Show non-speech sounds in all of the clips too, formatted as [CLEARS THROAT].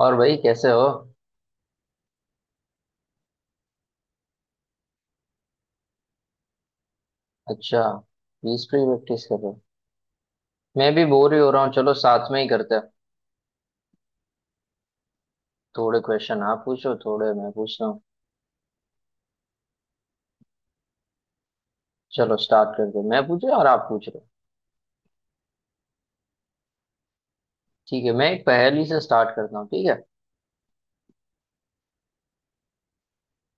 और भाई कैसे हो? अच्छा, क्विज पे प्रैक्टिस कर रहे हो? मैं भी बोर ही हो रहा हूँ, चलो साथ में ही करते हैं। थोड़े क्वेश्चन आप पूछो थोड़े मैं पूछ रहा हूँ। चलो स्टार्ट करते हैं। मैं पूछ रहा हूँ और आप पूछ रहे हो। ठीक है, मैं एक पहेली से स्टार्ट करता हूँ, ठीक है।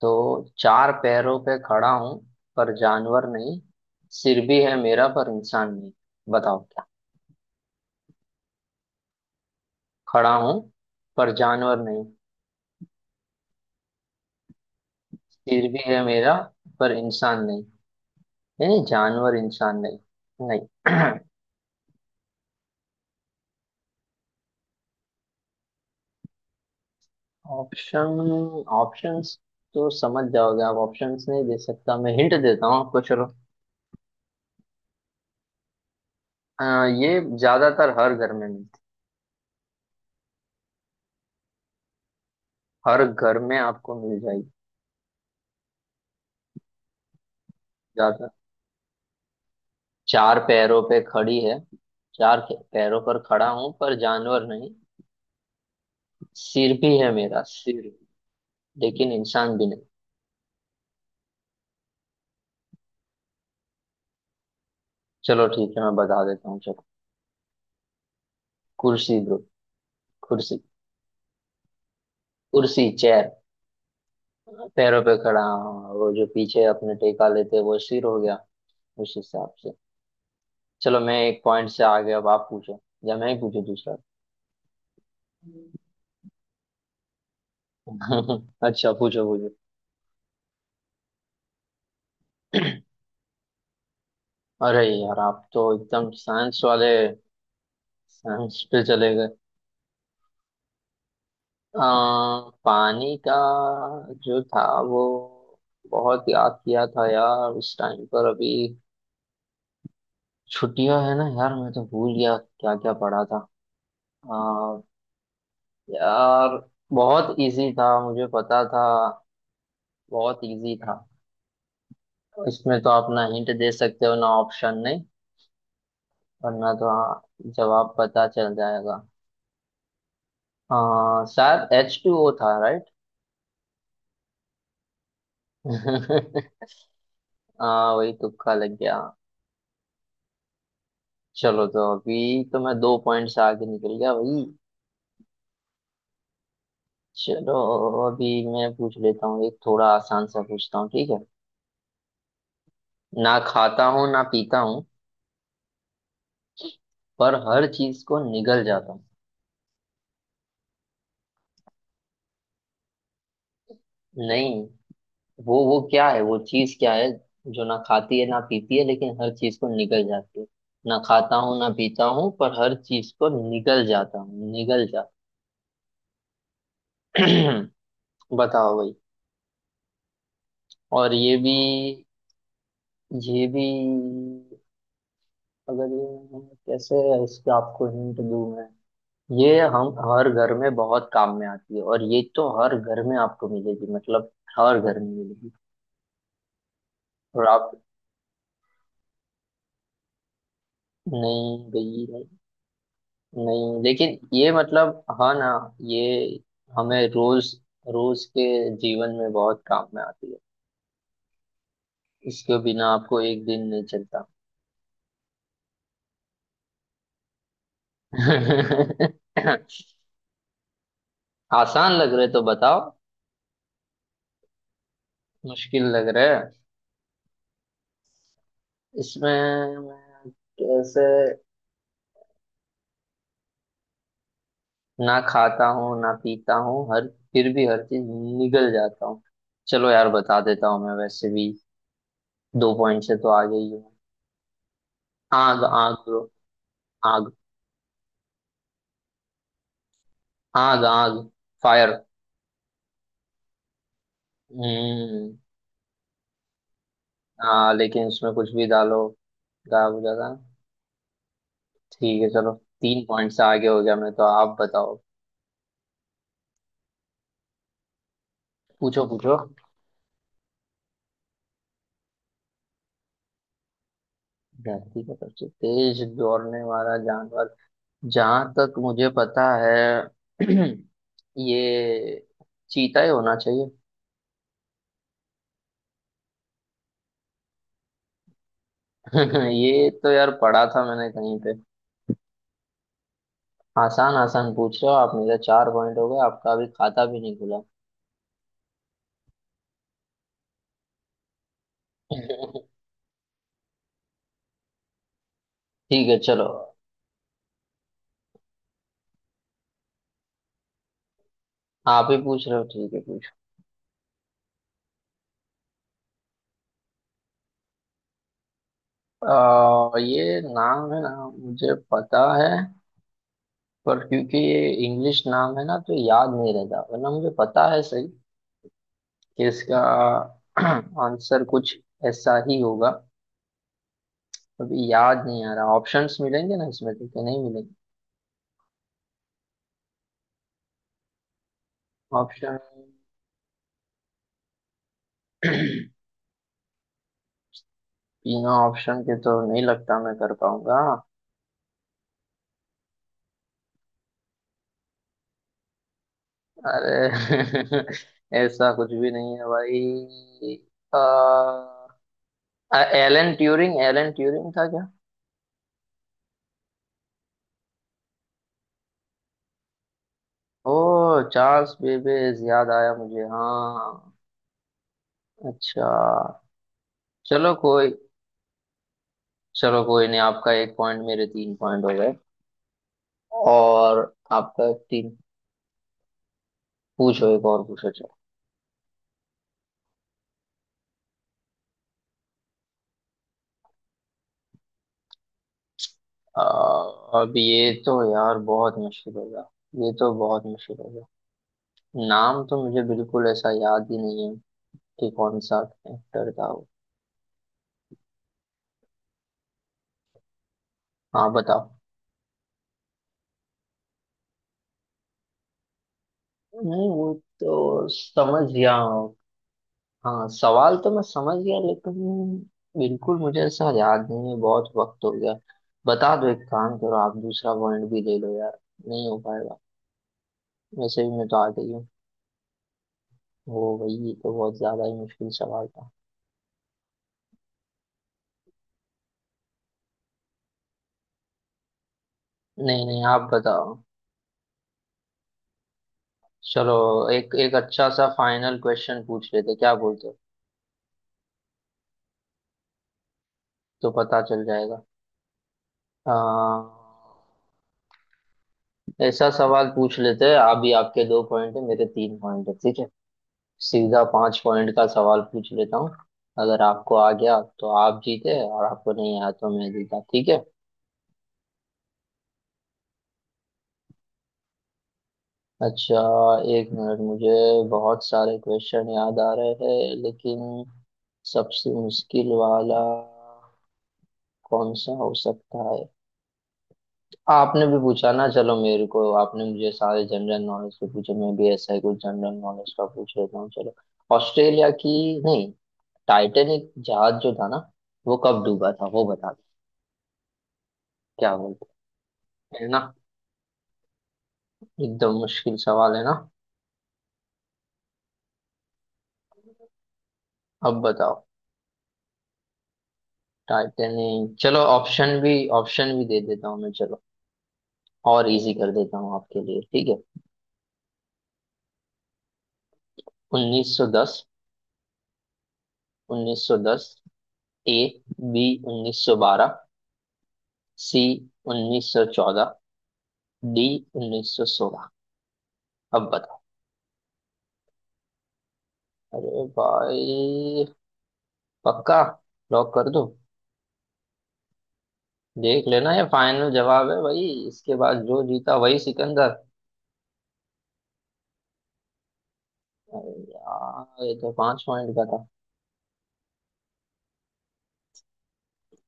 तो चार पैरों पे खड़ा हूँ पर जानवर नहीं। सिर भी है मेरा पर इंसान नहीं। बताओ क्या। खड़ा हूँ पर जानवर नहीं, सिर भी है मेरा पर इंसान नहीं। यानी जानवर इंसान नहीं नहीं। [CLEARS THROAT] ऑप्शन ऑप्शंस तो समझ जाओगे आप, ऑप्शंस नहीं दे सकता, मैं हिंट देता हूँ आपको, चलो। अ, ये ज्यादातर हर घर में मिलती, हर घर में आपको मिल जाएगी। ज्यादा चार पैरों पे खड़ी है। पैरों पर खड़ा हूं पर जानवर नहीं। सिर भी है मेरा सिर, लेकिन इंसान भी नहीं। चलो ठीक है, मैं बता देता हूँ चलो। कुर्सी ब्रो, कुर्सी। कुर्सी चेयर, पैरों पे खड़ा, वो जो पीछे अपने टेका लेते हैं वो सिर हो गया, उस हिसाब से। चलो मैं एक पॉइंट से आगे, अब आप पूछो या मैं ही पूछू दूसरा। [LAUGHS] अच्छा, पूछो पूछो। अरे यार, आप तो एकदम साइंस वाले, साइंस पे चले गए। पानी का जो था वो, बहुत याद किया था यार उस टाइम पर, अभी छुट्टियां है ना यार, मैं तो भूल गया क्या क्या पढ़ा था। आ, यार बहुत इजी था, मुझे पता था। बहुत इजी था। इसमें तो आप ना हिंट दे सकते हो ना ऑप्शन, नहीं वरना तो हाँ, जवाब पता चल जाएगा। हाँ, शायद एच टू ओ था, राइट? [LAUGHS] हाँ, वही तुक्का लग गया। चलो, तो अभी तो मैं दो पॉइंट से आगे निकल गया वही। चलो, अभी मैं पूछ लेता हूँ एक, थोड़ा आसान सा पूछता हूँ, ठीक है। ना खाता हूँ ना पीता हूँ, पर हर चीज को निगल जाता हूँ। नहीं, वो क्या है, वो चीज क्या है जो ना खाती है ना पीती है लेकिन हर चीज को निगल जाती है। ना खाता हूँ ना पीता हूँ पर हर चीज को निगल जाता हूँ, निगल जा [CLEARS THROAT] बताओ भाई। और ये भी, ये भी, अगर ये कैसे है, इसके आपको हिंट दूं मैं। ये हम हर घर में बहुत काम में आती है, और ये तो हर घर में आपको मिलेगी, मतलब हर घर में मिलेगी। और आप नहीं गई। नहीं, लेकिन ये मतलब हाँ ना, ये हमें रोज रोज के जीवन में बहुत काम में आती है, इसके बिना आपको एक दिन नहीं चलता। [LAUGHS] आसान लग रहे तो बताओ। मुश्किल लग रहे। इसमें मैं कैसे, ना खाता हूँ ना पीता हूँ हर, फिर भी हर चीज निगल जाता हूँ। चलो यार बता देता हूँ मैं, वैसे भी दो पॉइंट से तो आ गई हूँ। आग आग। आग आग आग। फायर। हम्म, हाँ, लेकिन उसमें कुछ भी डालो गायब हो जाता है। ठीक है चलो। तीन पॉइंट से आगे हो गया मैं तो, आप बताओ। पूछो पूछो। धरती का सबसे तेज दौड़ने वाला जानवर, जहां तक मुझे पता है [CLEARS THROAT] ये चीता ही होना चाहिए। [LAUGHS] ये तो यार पढ़ा था मैंने कहीं पे। आसान आसान पूछ रहे हो आप, मेरा चार पॉइंट हो गए, आपका अभी खाता भी नहीं खुला। [LAUGHS] ठीक है चलो। आप ही पूछ रहे हो, ठीक है। ये नाम है ना, मुझे पता है, पर क्योंकि ये इंग्लिश नाम है ना तो याद नहीं रहता, वरना मुझे पता है सही कि इसका [CLEARS THROAT] आंसर कुछ ऐसा ही होगा। अभी याद नहीं आ रहा। ऑप्शंस मिलेंगे ना इसमें तो, कि नहीं मिलेंगे? ऑप्शन [CLEARS THROAT] बिना ऑप्शन के तो नहीं लगता मैं कर पाऊंगा। अरे [LAUGHS] ऐसा कुछ भी नहीं है भाई। आ, एलन ट्यूरिंग, एलन ट्यूरिंग था क्या? ओह, चार्ल्स बेबेज, याद आया मुझे, हाँ अच्छा। चलो कोई, चलो कोई नहीं, आपका एक पॉइंट, मेरे तीन पॉइंट हो गए और आपका तीन। पूछो, एक और पूछो चलो। अब ये तो यार बहुत मुश्किल होगा, ये तो बहुत मुश्किल होगा। नाम तो मुझे बिल्कुल ऐसा याद ही नहीं है कि कौन सा एक्टर था वो। हाँ बताओ। नहीं वो तो समझ गया, हाँ सवाल तो मैं समझ गया, लेकिन बिल्कुल मुझे ऐसा याद नहीं है, बहुत वक्त हो गया। बता दो, एक काम करो, आप दूसरा पॉइंट भी ले लो यार, नहीं हो पाएगा, वैसे भी मैं तो आ गई हूँ। वो वही तो बहुत ज्यादा ही मुश्किल सवाल था। नहीं नहीं, आप बताओ। चलो, एक एक अच्छा सा फाइनल क्वेश्चन पूछ लेते, क्या बोलते हो? तो पता चल जाएगा। आ, ऐसा सवाल पूछ लेते हैं, अभी आपके दो पॉइंट है मेरे तीन पॉइंट है, ठीक है। सीधा पांच पॉइंट का सवाल पूछ लेता हूँ। अगर आपको आ गया तो आप जीते, और आपको नहीं आया तो मैं जीता, ठीक है। अच्छा, एक मिनट मुझे, बहुत सारे क्वेश्चन याद आ रहे हैं लेकिन सबसे मुश्किल वाला कौन सा हो सकता है। आपने भी पूछा ना, चलो मेरे को, आपने मुझे सारे जनरल नॉलेज के पूछे, मैं भी ऐसा ही कुछ जनरल नॉलेज का पूछ लेता हूँ चलो। ऑस्ट्रेलिया की, नहीं, टाइटैनिक जहाज जो था ना, वो कब डूबा था वो बता दो। क्या बोलते, है ना एकदम मुश्किल सवाल, है ना? अब बताओ। टाइटैनिक, चलो ऑप्शन भी, दे देता हूँ मैं, चलो और इजी कर देता हूँ आपके लिए, ठीक है। 1910, 1910 ए, बी 1912, सी 1914, डी 1916। अब बताओ। अरे भाई, पक्का, लॉक कर दो। देख लेना ये फाइनल जवाब है भाई, इसके बाद जो जीता वही सिकंदर। अरे यार ये तो पांच पॉइंट का था।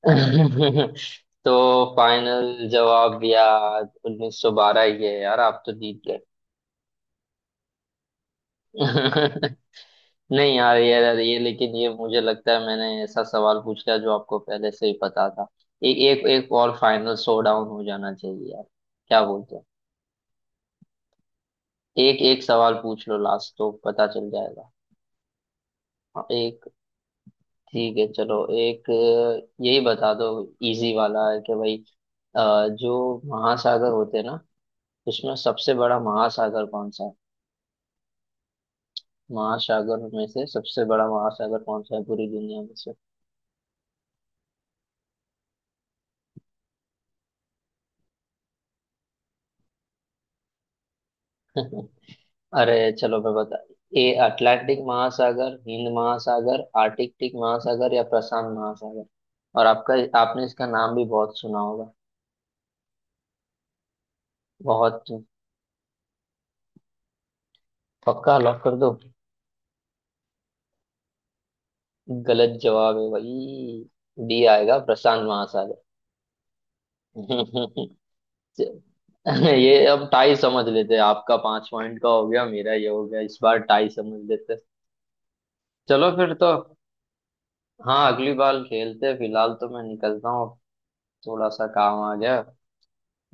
[LAUGHS] तो फाइनल जवाब यार 1912 ही है यार, आप तो जीत गए। [LAUGHS] नहीं यार, ये लेकिन ये मुझे लगता है मैंने ऐसा सवाल पूछ लिया जो आपको पहले से ही पता था। एक, एक और फाइनल शो डाउन हो जाना चाहिए यार, क्या बोलते हैं? एक एक सवाल पूछ लो लास्ट, तो पता चल जाएगा। हाँ, एक ठीक है, चलो एक यही बता दो, इजी वाला है कि भाई। जो महासागर होते हैं ना, उसमें सबसे बड़ा महासागर कौन सा है? महासागर में से सबसे बड़ा महासागर कौन सा है पूरी दुनिया में से? [LAUGHS] अरे चलो मैं बता, ए अटलांटिक महासागर, हिंद महासागर, आर्कटिक महासागर, या प्रशांत महासागर। और आपका, आपने इसका नाम भी बहुत सुना होगा, बहुत। पक्का? लॉक कर दो। गलत जवाब है भाई, डी आएगा, प्रशांत महासागर। [LAUGHS] ये अब टाई समझ लेते हैं, आपका पांच पॉइंट का हो गया मेरा ये हो गया, इस बार टाई समझ लेते हैं। चलो फिर तो हाँ, अगली बार खेलते हैं, फिलहाल तो मैं निकलता हूँ, थोड़ा सा काम आ गया,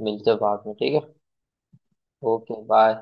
मिलते हैं बाद में, ठीक है। Okay bye.